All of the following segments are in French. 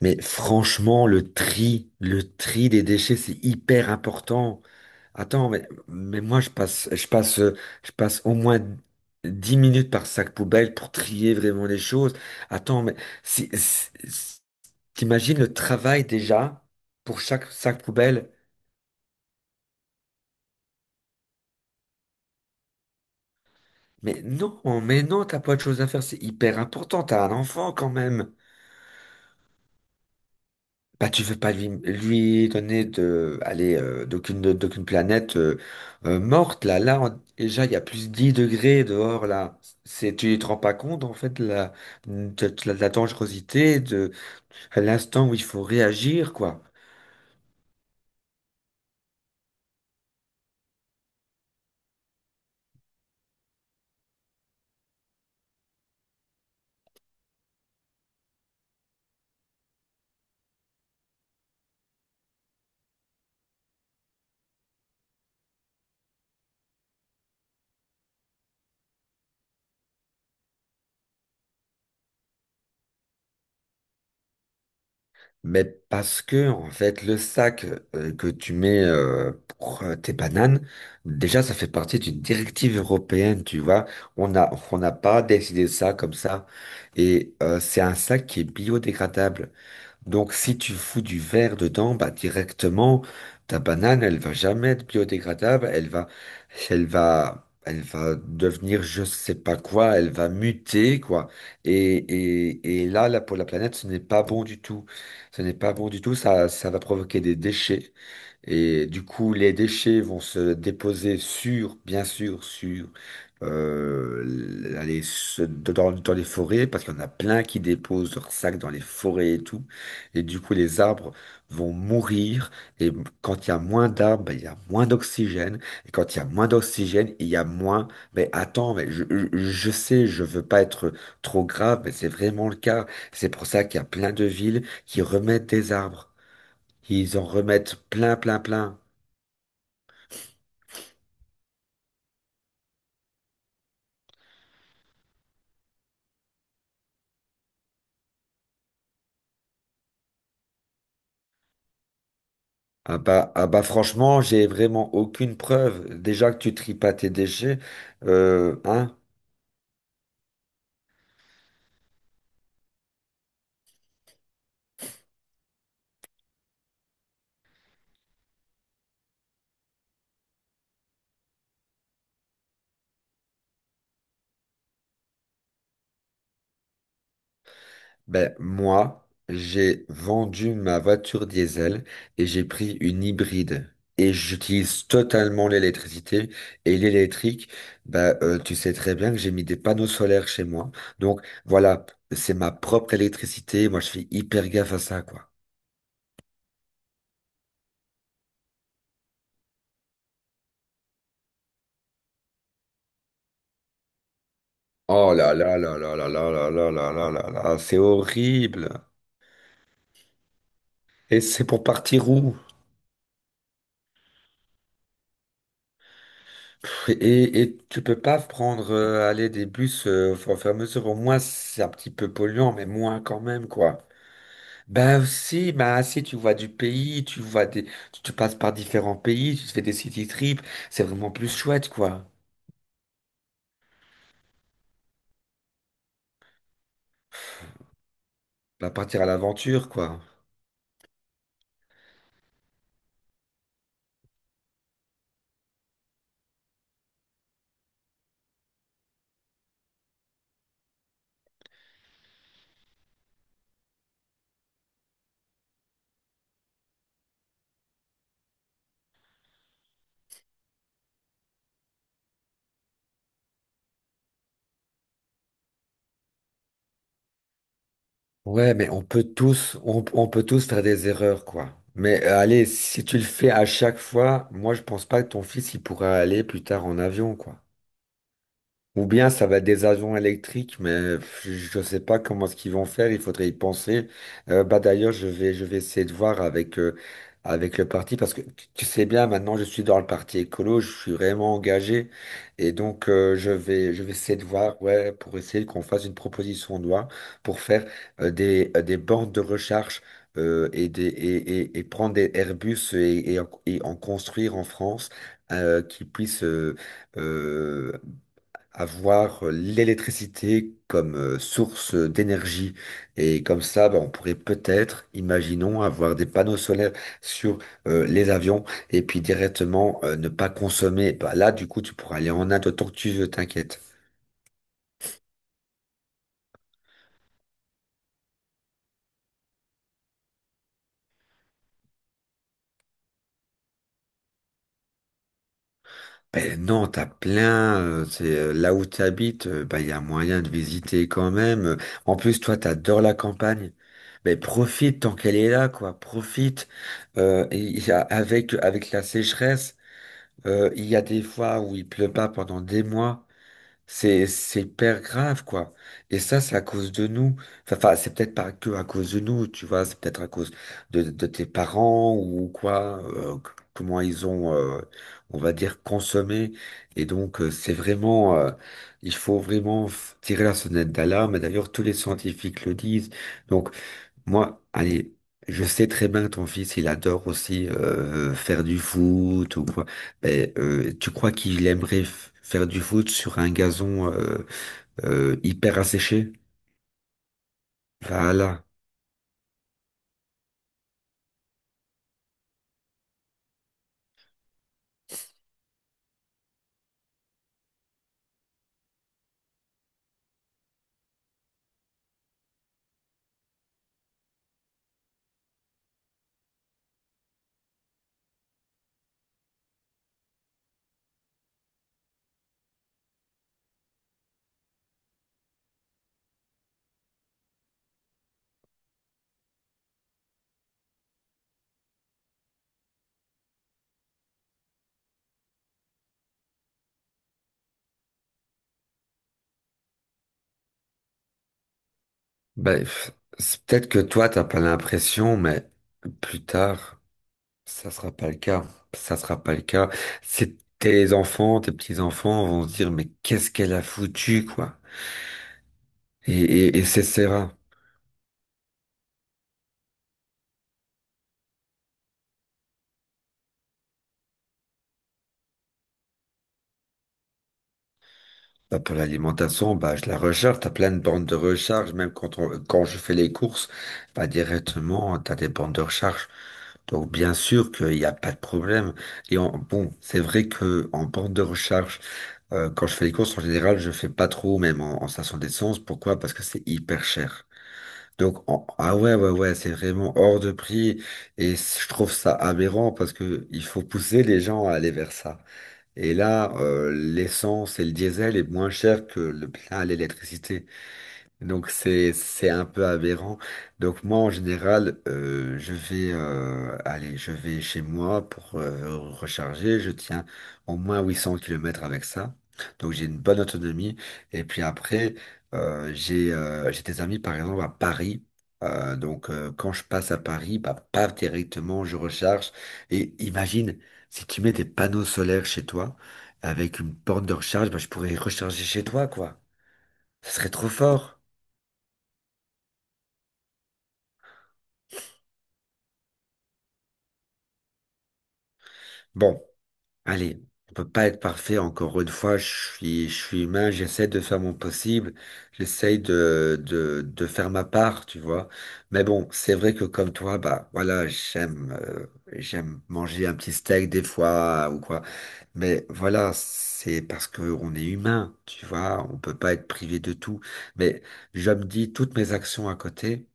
Mais franchement, le tri des déchets, c'est hyper important. Attends, mais moi, je passe, je passe au moins 10 minutes par sac poubelle pour trier vraiment les choses. Attends, mais si, t'imagines le travail déjà pour chaque sac poubelle? Mais non, t'as pas de choses à faire, c'est hyper important, t'as un enfant quand même. Bah, tu veux pas lui donner de, d'aucune planète morte là. Là, déjà, il y a plus 10 degrés dehors là. C'est, tu te rends pas compte en fait de la dangerosité de à l'instant où il faut réagir quoi. Mais parce que, en fait, le sac que tu mets pour tes bananes, déjà, ça fait partie d'une directive européenne, tu vois. On n'a pas décidé ça comme ça. Et c'est un sac qui est biodégradable. Donc, si tu fous du verre dedans, bah, directement, ta banane, elle va jamais être biodégradable, elle va devenir je sais pas quoi, elle va muter, quoi. Et, et là, pour la planète, ce n'est pas bon du tout. Ce n'est pas bon du tout, ça va provoquer des déchets. Et du coup, les déchets vont se déposer sur, bien sûr, sur euh, dans les forêts, parce qu'il y en a plein qui déposent leurs sacs dans les forêts et tout. Et du coup, les arbres vont mourir. Et quand il y a moins d'arbres, ben, il y a moins d'oxygène. Et quand il y a moins d'oxygène, il y a moins. Mais attends, mais je sais, je veux pas être trop grave, mais c'est vraiment le cas. C'est pour ça qu'il y a plein de villes qui remettent des arbres. Ils en remettent plein, plein, plein. Ah bah franchement, j'ai vraiment aucune preuve. Déjà que tu tries pas tes déchets, hein, ben moi, j'ai vendu ma voiture diesel et j'ai pris une hybride. Et j'utilise totalement l'électricité. Et l'électrique, tu sais très bien que j'ai mis des panneaux solaires chez moi. Donc voilà, c'est ma propre électricité. Moi, je fais hyper gaffe à ça, quoi. Oh là là là là là là là là là là là là, c'est horrible. Et c'est pour partir où? Et tu peux pas prendre aller des bus au fur et à mesure, au moins c'est un petit peu polluant, mais moins quand même, quoi. Ben aussi, ben si tu vois du pays, tu vois des. Tu passes par différents pays, tu te fais des city trips, c'est vraiment plus chouette, quoi. Ben, partir à l'aventure, quoi. Ouais, mais on peut tous, on peut tous faire des erreurs, quoi. Mais allez, si tu le fais à chaque fois, moi je pense pas que ton fils il pourra aller plus tard en avion, quoi. Ou bien ça va être des avions électriques, mais pff, je ne sais pas comment ce qu'ils vont faire, il faudrait y penser. Bah d'ailleurs, je vais essayer de voir avec, avec le parti, parce que tu sais bien, maintenant je suis dans le parti écolo, je suis vraiment engagé, et donc je vais essayer de voir, ouais, pour essayer qu'on fasse une proposition de loi pour faire des bandes de recharge et prendre des Airbus et en construire en France qui puissent... euh, avoir l'électricité comme source d'énergie. Et comme ça, bah, on pourrait peut-être, imaginons, avoir des panneaux solaires sur les avions et puis directement ne pas consommer. Bah, là, du coup, tu pourras aller en Inde autant que tu veux, t'inquiète. Ben non, t'as plein. C'est là où tu habites, ben il y a moyen de visiter quand même. En plus, toi, t'adores la campagne. Mais profite tant qu'elle est là, quoi. Profite. Avec avec la sécheresse. Il y a des fois où il pleut pas pendant des mois. C'est hyper grave, quoi. Et ça, c'est à cause de nous. Enfin, c'est peut-être pas que à cause de nous, tu vois. C'est peut-être à cause de tes parents ou quoi. Comment ils ont, on va dire, consommé. Et donc, c'est vraiment, il faut vraiment tirer la sonnette d'alarme. Et d'ailleurs, tous les scientifiques le disent. Donc, moi, allez, je sais très bien que ton fils, il adore aussi faire du foot ou quoi. Mais tu crois qu'il aimerait faire du foot sur un gazon hyper asséché? Voilà. Ben, c'est peut-être que toi, t'as pas l'impression, mais plus tard, ça sera pas le cas. Ça sera pas le cas. C'est tes enfants, tes petits-enfants vont se dire, mais qu'est-ce qu'elle a foutu, quoi? Et, et c'est ça. Bah, pour l'alimentation, bah, je la recharge. T'as plein de bandes de recharge. Même quand quand je fais les courses, bah, directement, t'as des bandes de recharge. Donc, bien sûr qu'il n'y a pas de problème. Et en, bon, c'est vrai que en bande de recharge, quand je fais les courses, en général, je fais pas trop, même en station d'essence. Pourquoi? Parce que c'est hyper cher. Ah ouais, ouais, ouais, c'est vraiment hors de prix. Et je trouve ça aberrant parce que il faut pousser les gens à aller vers ça. Et là, l'essence et le diesel est moins cher que le plein à l'électricité. Donc c'est un peu aberrant. Donc moi en général, je vais chez moi pour recharger. Je tiens au moins 800 kilomètres avec ça. Donc j'ai une bonne autonomie. Et puis après, j'ai des amis par exemple à Paris. Donc quand je passe à Paris, bah paf directement je recharge. Et imagine si tu mets des panneaux solaires chez toi avec une borne de recharge, bah, je pourrais recharger chez toi quoi. Ce serait trop fort. Bon. Allez, on peut pas être parfait encore une fois. Je suis humain, j'essaie de faire mon possible, j'essaie de, faire ma part, tu vois. Mais bon, c'est vrai que comme toi, bah voilà, j'aime manger un petit steak des fois ou quoi. Mais voilà, c'est parce que on est humain, tu vois. On peut pas être privé de tout. Mais je me dis toutes mes actions à côté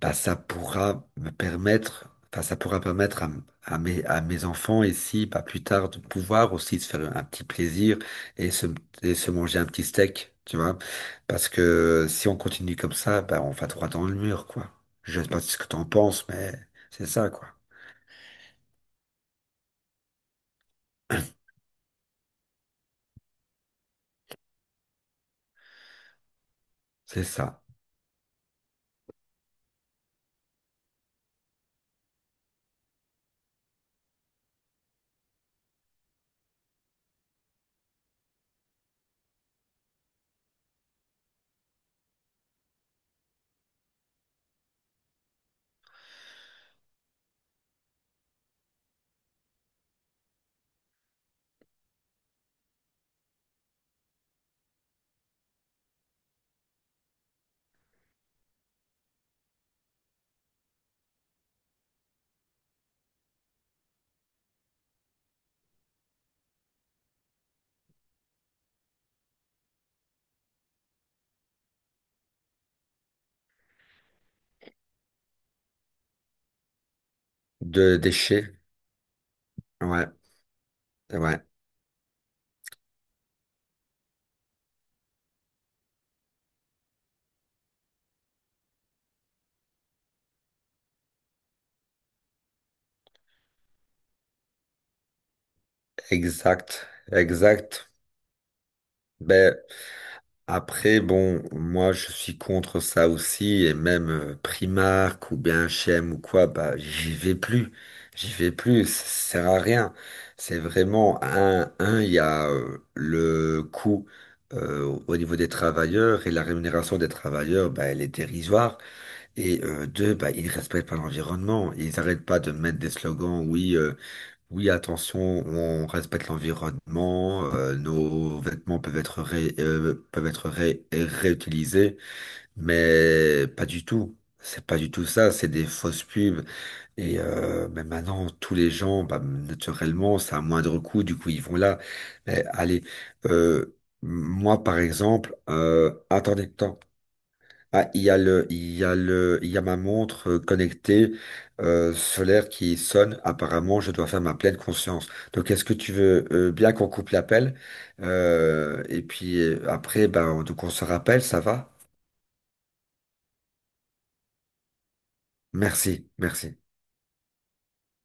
bah, ça pourra permettre à, à mes enfants ici, bah, plus tard, de pouvoir aussi se faire un petit plaisir et se, et se manger un petit steak, tu vois. Parce que si on continue comme ça, bah, on va droit dans le mur, quoi. Je sais pas ce que t'en penses, mais c'est ça, quoi. C'est ça. De déchets. Ouais, ouais, exact, exact. Ben, après, bon, moi je suis contre ça aussi, et même Primark ou bien H&M ou quoi, bah j'y vais plus, ça sert à rien. C'est vraiment il y a le coût au niveau des travailleurs et la rémunération des travailleurs, bah elle est dérisoire. Et deux, bah ils respectent pas l'environnement, ils arrêtent pas de mettre des slogans, oui. Oui, attention, on respecte l'environnement, nos vêtements peuvent être réutilisés, mais pas du tout. C'est pas du tout ça, c'est des fausses pubs. Et mais maintenant, tous les gens, bah, naturellement, c'est à moindre coût, du coup, ils vont là. Mais allez, euh, moi, par exemple, attends. Ah, il y a ma montre connectée solaire qui sonne. Apparemment, je dois faire ma pleine conscience. Donc, est-ce que tu veux bien qu'on coupe l'appel? Et puis après, ben, donc on se rappelle, ça va? Merci, merci.